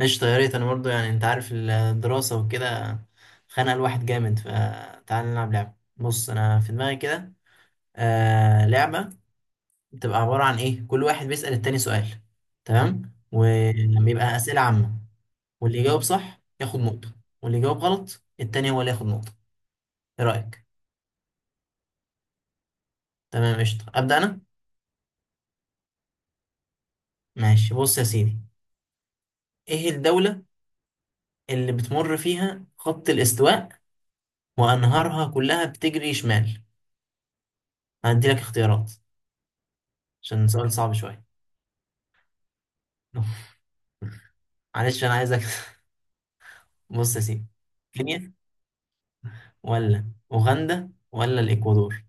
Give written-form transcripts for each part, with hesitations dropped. قشطة، يا ريت. أنا برضه يعني أنت عارف الدراسة وكده خانق الواحد جامد. فتعال نلعب لعبة. بص أنا في دماغي كده لعبة بتبقى عبارة عن إيه. كل واحد بيسأل التاني سؤال، تمام؟ ولما يبقى أسئلة عامة، واللي يجاوب صح ياخد نقطة، واللي يجاوب غلط التاني هو اللي ياخد نقطة. إيه رأيك؟ تمام قشطة. أبدأ أنا؟ ماشي، بص يا سيدي، إيه الدولة اللي بتمر فيها خط الاستواء وأنهارها كلها بتجري شمال؟ هديلك اختيارات عشان سؤال صعب شوية. معلش، انا عايزك. بص يا سيدي، كينيا ولا اوغندا ولا الاكوادور؟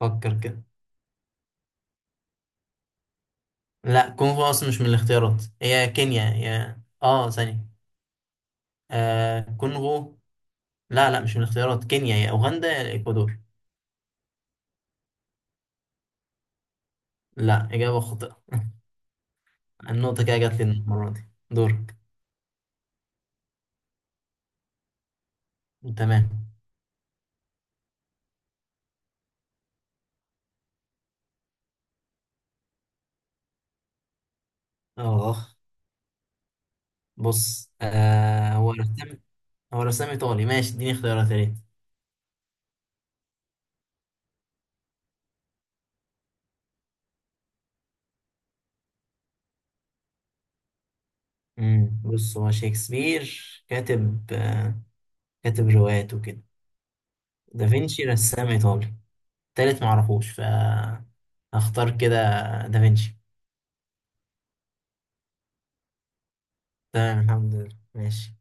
فكر كده. لا، كونغو اصلا مش من الاختيارات، هي كينيا يا ثانية. آه كونغو؟ لا، مش من الاختيارات، كينيا يا اوغندا يا الاكوادور. لا، اجابة خاطئة. النقطة كده جات لي المرة دي. دورك. تمام. اه بص، هو رسام، هو رسام ايطالي. ماشي، اديني اختيارات يا ريت. بص، هو شكسبير كاتب، كاتب روايات وكده. دافنشي رسام ايطالي. تالت معرفوش، ف هختار كده دافنشي. تمام، الحمد لله. ماشي،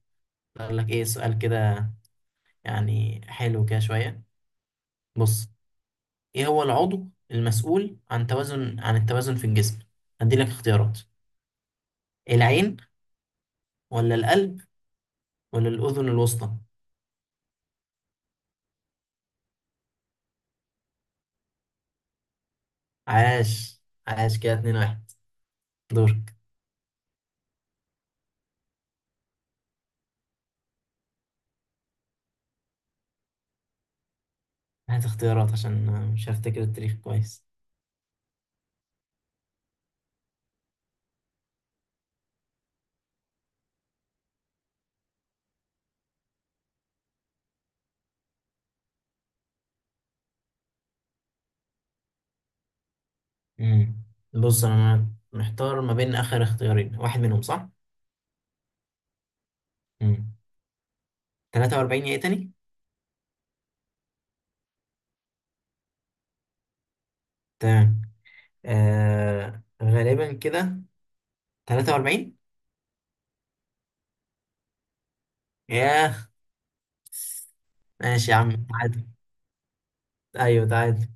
اقول لك ايه سؤال كده يعني حلو كده شويه. بص، ايه هو العضو المسؤول عن توازن عن التوازن في الجسم؟ هدي لك اختيارات: العين ولا القلب ولا الاذن الوسطى؟ عاش، عاش. كده اتنين واحد. دورك. هات اختيارات عشان مش هفتكر التاريخ كويس. امم بص، انا محتار ما بين اخر اختيارين، واحد منهم صح. مم. 43 ايه تاني؟ تمام، آه غالبا كده 43. ياه. ماشي يا عم، تعادل. ايوه تعادل.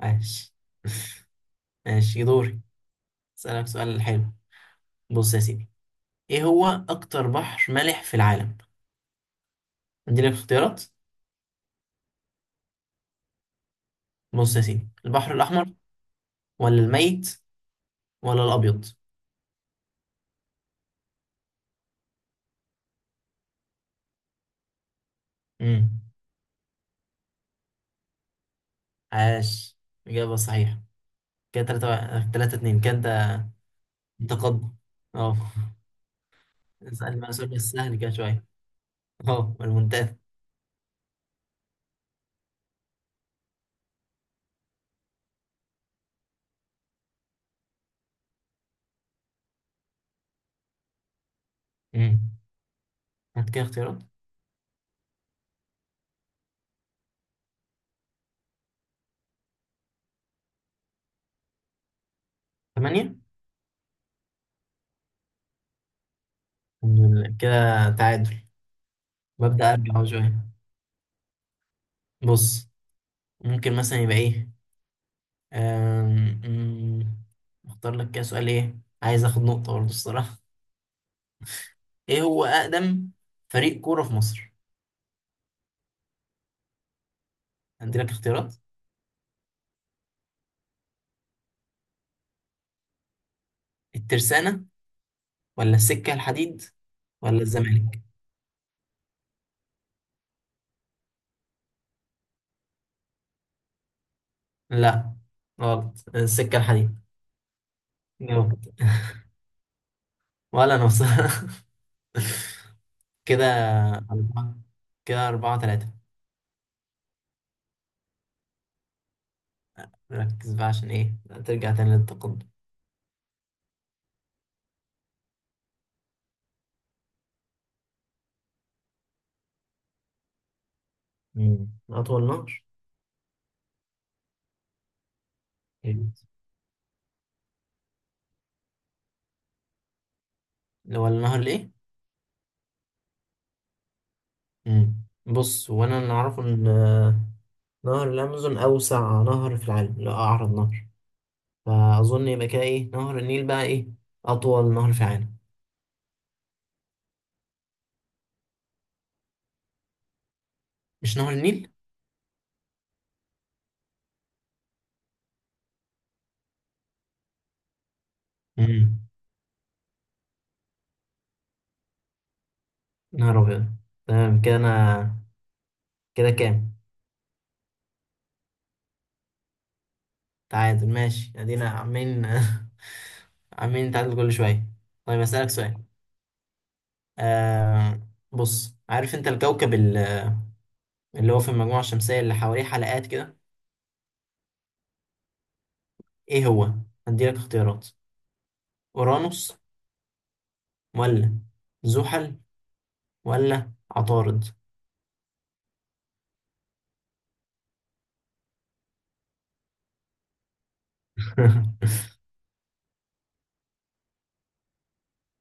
ماشي ماشي، دوري. اسألك سؤال حلو. بص يا سيدي، ايه هو اكتر بحر مالح في العالم؟ عندي لك اختيارات. بص يا سيدي، البحر الاحمر ولا الميت ولا الابيض؟ امم عاش، اجابة صحيحة. كده 3 3 2، كده انت متقدم، اه. اسأل بقى سؤال بس سهل كده شوية، اه، الممتاز. امم هات كده اختيارات. ثمانية. كده تعادل. ببدأ أرجع أهو شوية. بص، ممكن مثلا يبقى إيه، أم، أم، أختار لك كده سؤال. إيه، عايز آخد نقطة برضه الصراحة. إيه هو أقدم فريق كورة في مصر؟ عندي لك اختيارات: الترسانة ولا السكة الحديد ولا الزمالك؟ لا، غلط، السكة الحديد. جاوبت. ولا أنا بصراحة. كده أربعة، كده أربعة تلاتة. ركز بقى عشان ايه ترجع تاني للتقدم. أطول نهر. جامد. اللي هو النهر الايه؟ مم. بص، وانا اللي اعرفه ان نهر الامازون اوسع نهر في العالم، لا اعرض نهر، فاظن يبقى كده ايه، نهر النيل بقى ايه اطول نهر في العالم. مش نهر النيل؟ مم. نهر ابيض. تمام كده انا. كده كام؟ تعادل. ماشي، ادينا عاملين عاملين نتعادل كل شويه. طيب اسالك سؤال. آه، بص، عارف انت الكوكب اللي هو في المجموعة الشمسية اللي حواليه حلقات كده، ايه هو؟ هديلك اختيارات: اورانوس ولا زحل ولا عطارد؟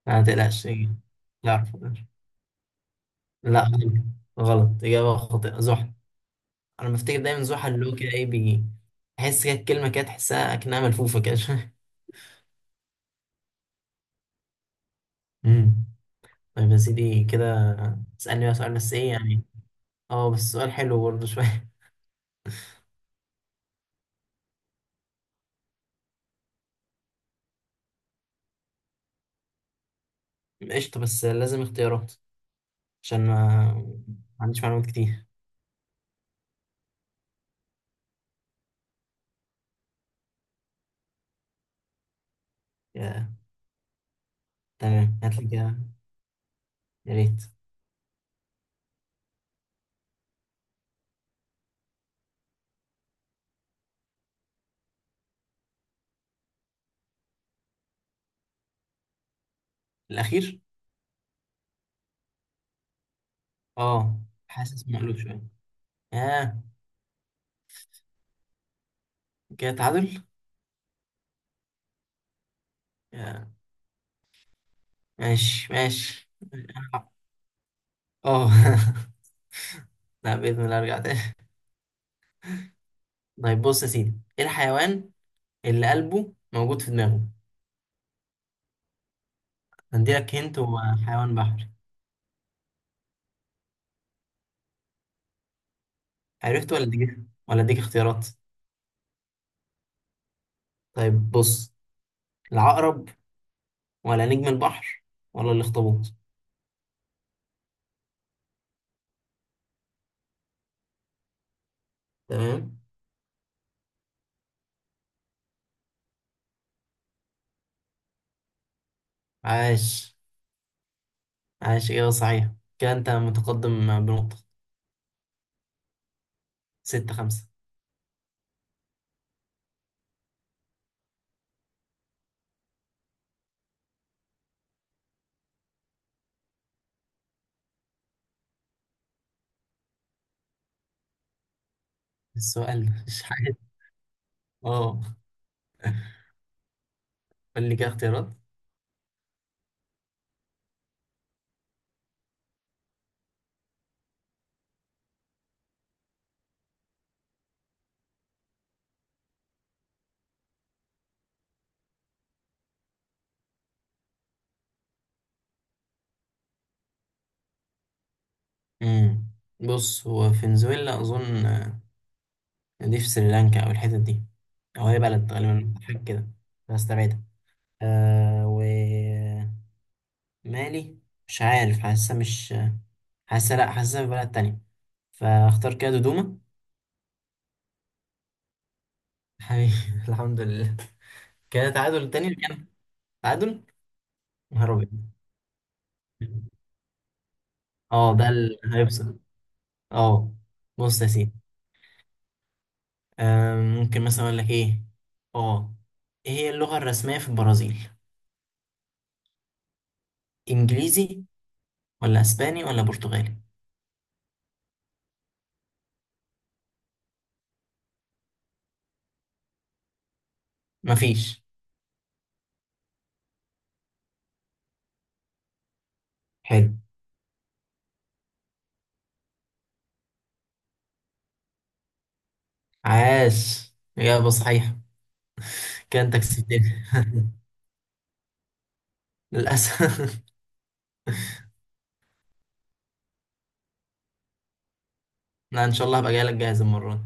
ما تقلقش، تعرف. لا غلط، غلط، إجابة خاطئة، زحل. أنا بفتكر دايما زحل اللي هو كده إيه، بيجي تحس كده الكلمة كده تحسها أكنها ملفوفة كده شوية. أمم. طيب يا سيدي، كده تسألني بقى سؤال بس إيه يعني أه بس سؤال حلو برضه شوية. قشطة بس لازم اختيارات عشان ما عنديش معلومات كتير. تمام، هات لي كده، يا ريت. الأخير. اه، حاسس مقلوب شوية، اه. كده تعادل. آه. ماشي ماشي. اه. لا، بإذن الله أرجع تاني. طيب بص يا سيدي، إيه الحيوان اللي قلبه موجود في دماغه؟ هنديلك، هنت هو حيوان بحري. عرفت ولا أديك، ولا أديك اختيارات؟ طيب بص: العقرب ولا نجم البحر ولا الأخطبوط؟ تمام. عاش، عاش، إجابة صحيحة. كده أنت متقدم بنقطة، ستة خمسة. السؤال ده مش عارف، اه. قول لي كده اختيارات. امم بص، هو فنزويلا اظن، دي في سريلانكا او الحتت دي، او هي بلد غالبا حاجه كده، هستبعدها. آه، ومالي مش عارف، حاسه لا حاسه في بلد تانية، فاختار كده دودوما. حبيبي. الحمد لله، كده تعادل تاني كده. تعادل. نهار ابيض. اه، ده اللي هيفصل، اه. بص يا سيدي، ممكن مثلا اقول لك ايه، اه، ايه هي اللغة الرسمية في البرازيل؟ انجليزي ولا اسباني ولا برتغالي؟ مفيش. حلو. عاش، اجابة صحيحة. كده انت كسبتني. للاسف. لا، ان شاء الله هبقى جاي لك جاهز المرة دي.